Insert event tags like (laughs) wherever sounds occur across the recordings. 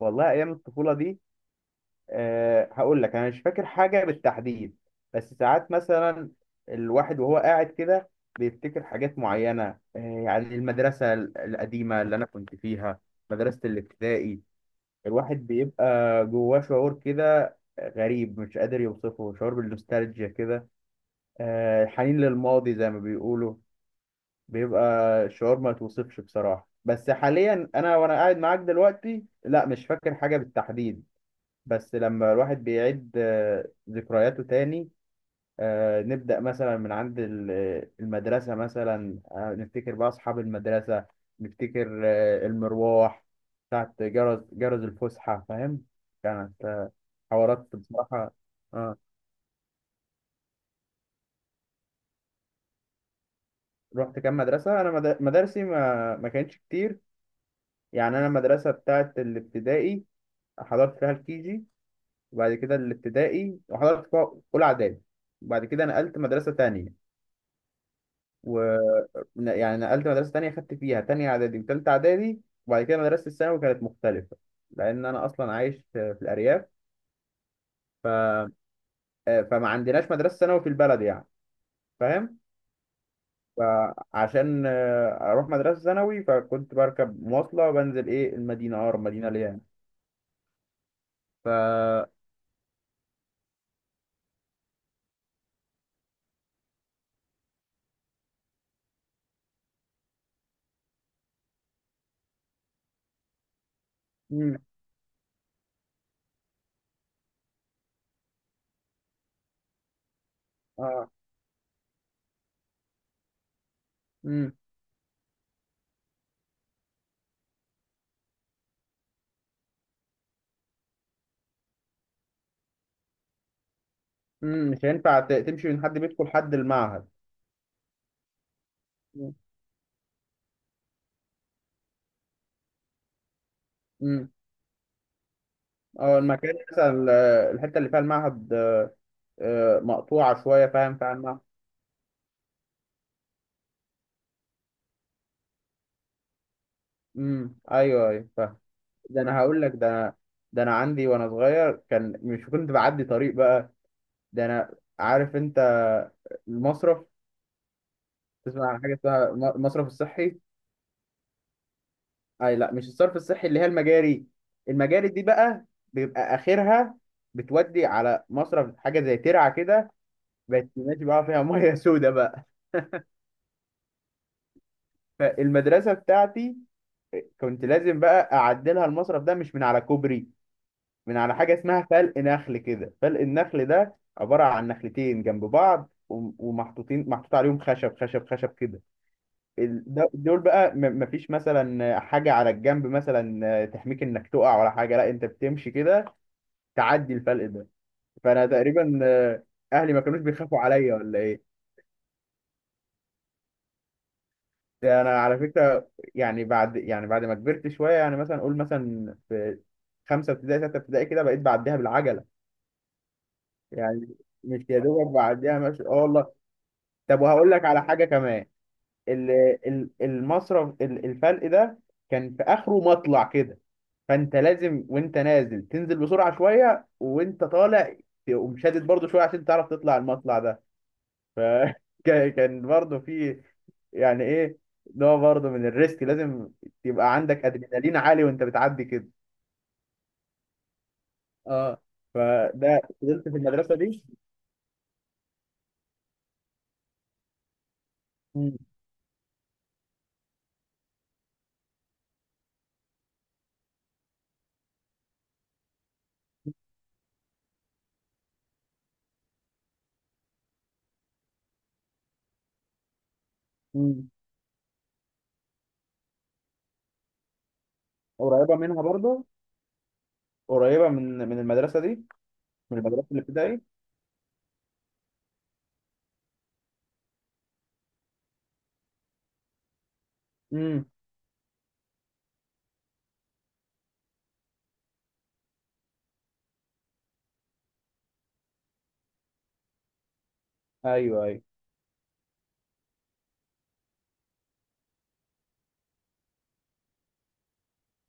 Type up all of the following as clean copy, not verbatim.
والله ايام الطفوله دي. هقول لك انا مش فاكر حاجه بالتحديد. بس ساعات مثلا الواحد وهو قاعد كده بيفتكر حاجات معينه. يعني المدرسه القديمه اللي انا كنت فيها، مدرسه الابتدائي. الواحد بيبقى جواه شعور كده غريب، مش قادر يوصفه، شعور بالنوستالجيا كده. حنين للماضي زي ما بيقولوا. بيبقى شعور ما يتوصفش بصراحه. بس حاليا انا وانا قاعد معاك دلوقتي، لا مش فاكر حاجه بالتحديد. بس لما الواحد بيعيد ذكرياته تاني، نبدأ مثلا من عند المدرسة مثلا، نفتكر بقى أصحاب المدرسة، نفتكر المروح، بتاعت جرس الفسحة، فاهم. كانت حوارات بصراحة. آه. رحت كام مدرسة، أنا مدارسي ما كانتش كتير. يعني أنا المدرسة بتاعت الابتدائي حضرت فيها الكيجي، وبعد كده الابتدائي وحضرت فيها أولى إعدادي، وبعد كده نقلت مدرسة تانية. و يعني نقلت مدرسة تانية خدت فيها تانية إعدادي وتالتة إعدادي. وبعد كده مدرسة الثانوي كانت مختلفة، لأن أنا أصلا عايش في الأرياف. ف... آه، فما عندناش مدرسة ثانوي في البلد يعني، فاهم. فعشان أروح مدرسة ثانوي، فكنت بركب مواصلة وبنزل إيه المدينة، أقرب مدينة ليا يعني. ف مم. آه. مم. مم. مش هينفع تمشي من حد بيتكم لحد المعهد. مم. مم. اه، المكان مثلا الحتة اللي فيها المعهد مقطوعة شوية، فاهم فاهم. امم، ايوه ايوه فاهم. ده انا هقول لك، ده انا، ده انا عندي وانا صغير كان مش كنت بعدي طريق بقى. ده انا عارف انت، المصرف. تسمع عن حاجه اسمها المصرف الصحي؟ اي، لا مش الصرف الصحي اللي هي المجاري. المجاري دي بقى بيبقى اخرها بتودي على مصرف، حاجه زي ترعه كده. بقت ماشي بقى فيها (laughs) ميه سودا بقى. فالمدرسه بتاعتي كنت لازم بقى اعدلها المصرف ده، مش من على كوبري، من على حاجة اسمها فلق نخل كده. فلق النخل ده عبارة عن نخلتين جنب بعض ومحطوطين، محطوط عليهم خشب كده. دول بقى مفيش مثلا حاجة على الجنب مثلا تحميك انك تقع ولا حاجة، لا انت بتمشي كده، تعدي الفلق ده. فانا تقريبا اهلي ما كانوش بيخافوا عليا ولا ايه. ده انا على فكرة، يعني بعد، يعني بعد ما كبرت شوية يعني، مثلا اقول مثلا في خمسة ابتدائي ستة ابتدائي كده، بقيت بعديها بالعجلة. يعني مش يا دوبك بعديها ماشي، اه والله. طب وهقول لك على حاجه كمان. ال- المصرف الفرق ده كان في اخره مطلع كده. فانت لازم وانت نازل تنزل بسرعه شويه، وانت طالع تقوم شادد برضه شويه عشان تعرف تطلع المطلع ده. فكان (laughs) برضه في يعني ايه، نوع برضه من الريسك، لازم يبقى عندك ادرينالين عالي وانت بتعدي كده. اه. فده فضلت في المدرسه دي. مم. مم. قريبه منها برضه، قريبه من من المدرسه دي، من المدرسه الابتدائي. مم. ايوه ايوه.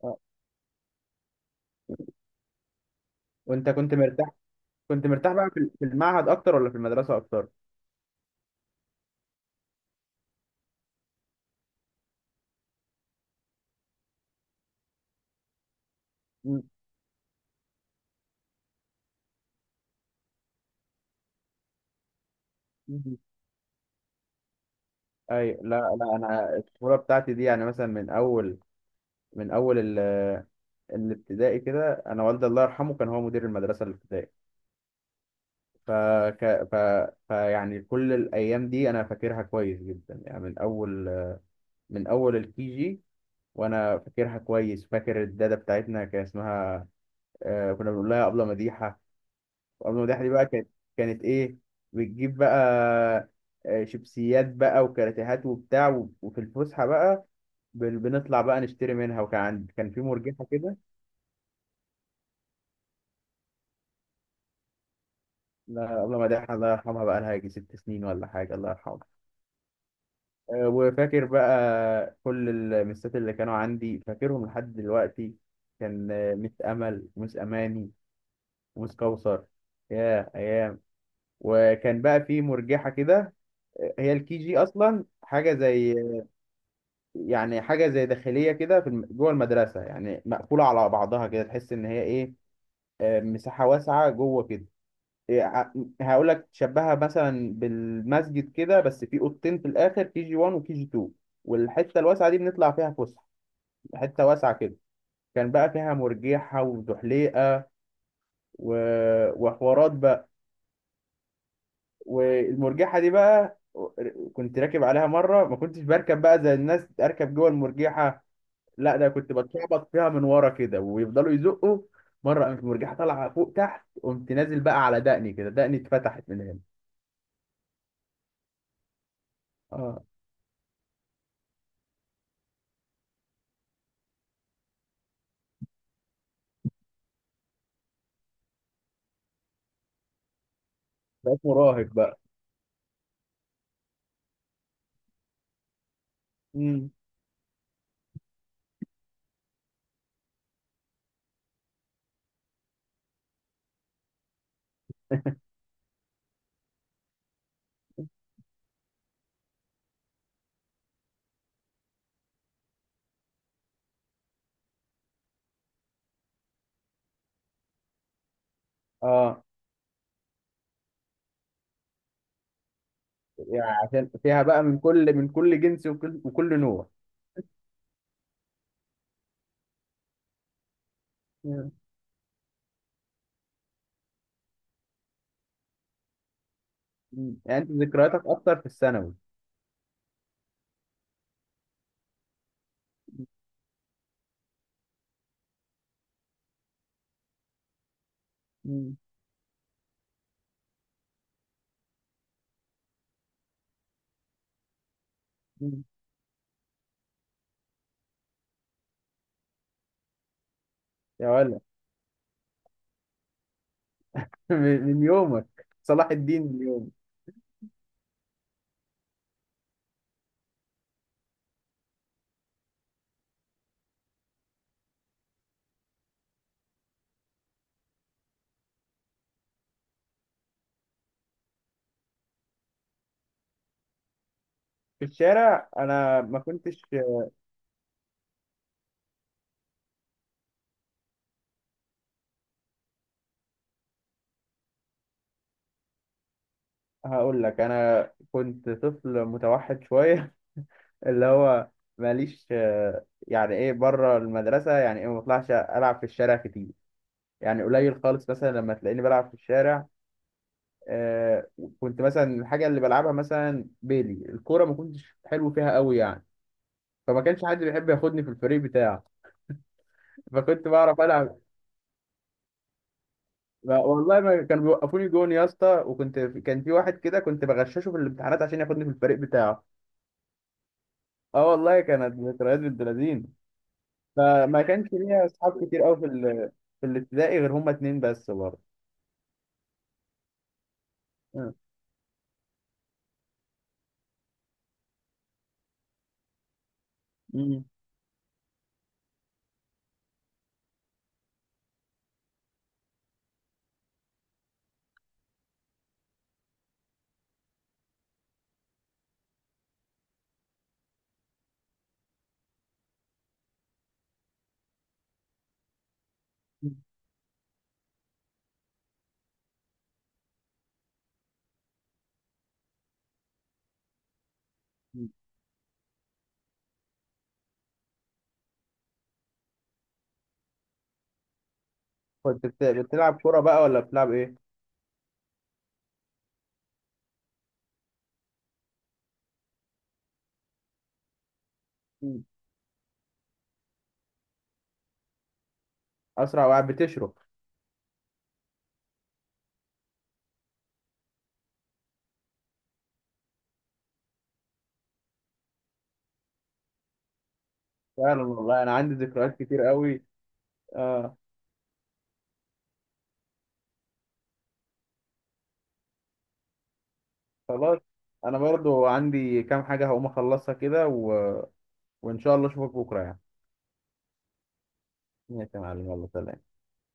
آه. وانت كنت مرتاح، كنت مرتاح بقى في المعهد اكتر ولا في المدرسه اكتر؟ م- م- ايوه، لا لا، انا الطفوله بتاعتي دي يعني مثلا من اول، من اول الابتدائي كده، انا والدي الله يرحمه كان هو مدير المدرسه الابتدائي. فك... ف... فيعني كل الايام دي انا فاكرها كويس جدا يعني، من اول من اول الكي جي. وانا فاكرها كويس، فاكر الداده بتاعتنا كان اسمها كنا بنقول لها ابله مديحه. وابله مداح دي بقى كانت، كانت ايه، بتجيب بقى شيبسيات بقى وكراتيهات وبتاع، وفي الفسحه بقى بنطلع بقى نشتري منها. وكان عند، كان في مرجحه كده. لا ابله مداح الله يرحمها بقى، لها يجي 6 سنين ولا حاجه، الله يرحمها. وفاكر بقى كل المسات اللي كانوا عندي، فاكرهم لحد دلوقتي. كان مس امل، ومس اماني، ومس كوثر. يا ايام. وكان بقى في مرجحه كده. هي الكي جي اصلا حاجه زي، يعني حاجه زي داخليه كده في جوه المدرسه، يعني مقفوله على بعضها كده، تحس ان هي ايه، مساحه واسعه جوه كده. هقول لك تشبهها مثلا بالمسجد كده، بس في اوضتين في الاخر، كي جي 1 وكي جي 2. والحته الواسعه دي بنطلع فيها فسحه، حته واسعه كده، كان بقى فيها مرجحه وزحليقه و... وحوارات بقى. والمرجحه دي بقى، كنت راكب عليها مره، ما كنتش بركب بقى زي الناس اركب جوه المرجحه، لا ده كنت بتشعبط فيها من ورا كده ويفضلوا يزقوا. مره قامت المرجحه طالعه فوق تحت، قمت نازل بقى على دقني كده، دقني اتفتحت من هنا. اه. بقيت مراهق بقى. امم. اه. يعني عشان فيها بقى من كل جنس، وكل نوع. يا. مم. يعني انت ذكرياتك اكتر في الثانوي؟ امم. امم. يا ولد. (laughs) من يومك صلاح الدين، من يومك. في الشارع انا ما كنتش. هقول لك، انا كنت طفل متوحد شويه، اللي هو ماليش يعني ايه بره المدرسه، يعني ايه ما بطلعش العب في الشارع كتير. يعني قليل خالص مثلا لما تلاقيني بلعب في الشارع. آه، كنت مثلا الحاجه اللي بلعبها مثلا بيلي الكوره، ما كنتش حلو فيها قوي يعني. فما كانش حد بيحب ياخدني في الفريق بتاعه. فكنت بعرف العب، والله ما كانوا بيوقفوني جون يا اسطى. وكنت، كان في واحد كده كنت بغششه في الامتحانات عشان ياخدني في الفريق بتاعه. اه والله كانت ذكريات بنت لذين. فما كانش ليا اصحاب كتير قوي في في الابتدائي غير هما اتنين بس برضه. آه. مم. مم. كنت بتلعب كوره بقى ولا بتلعب ايه؟ مم. اسرع واحد بتشرب. فعلا والله انا عندي ذكريات كتير قوي. اه. خلاص. انا برضو عندي كام حاجه هقوم اخلصها كده وان شاء الله اشوفك بكره يعني. ماشي يا معلم، يلا سلام.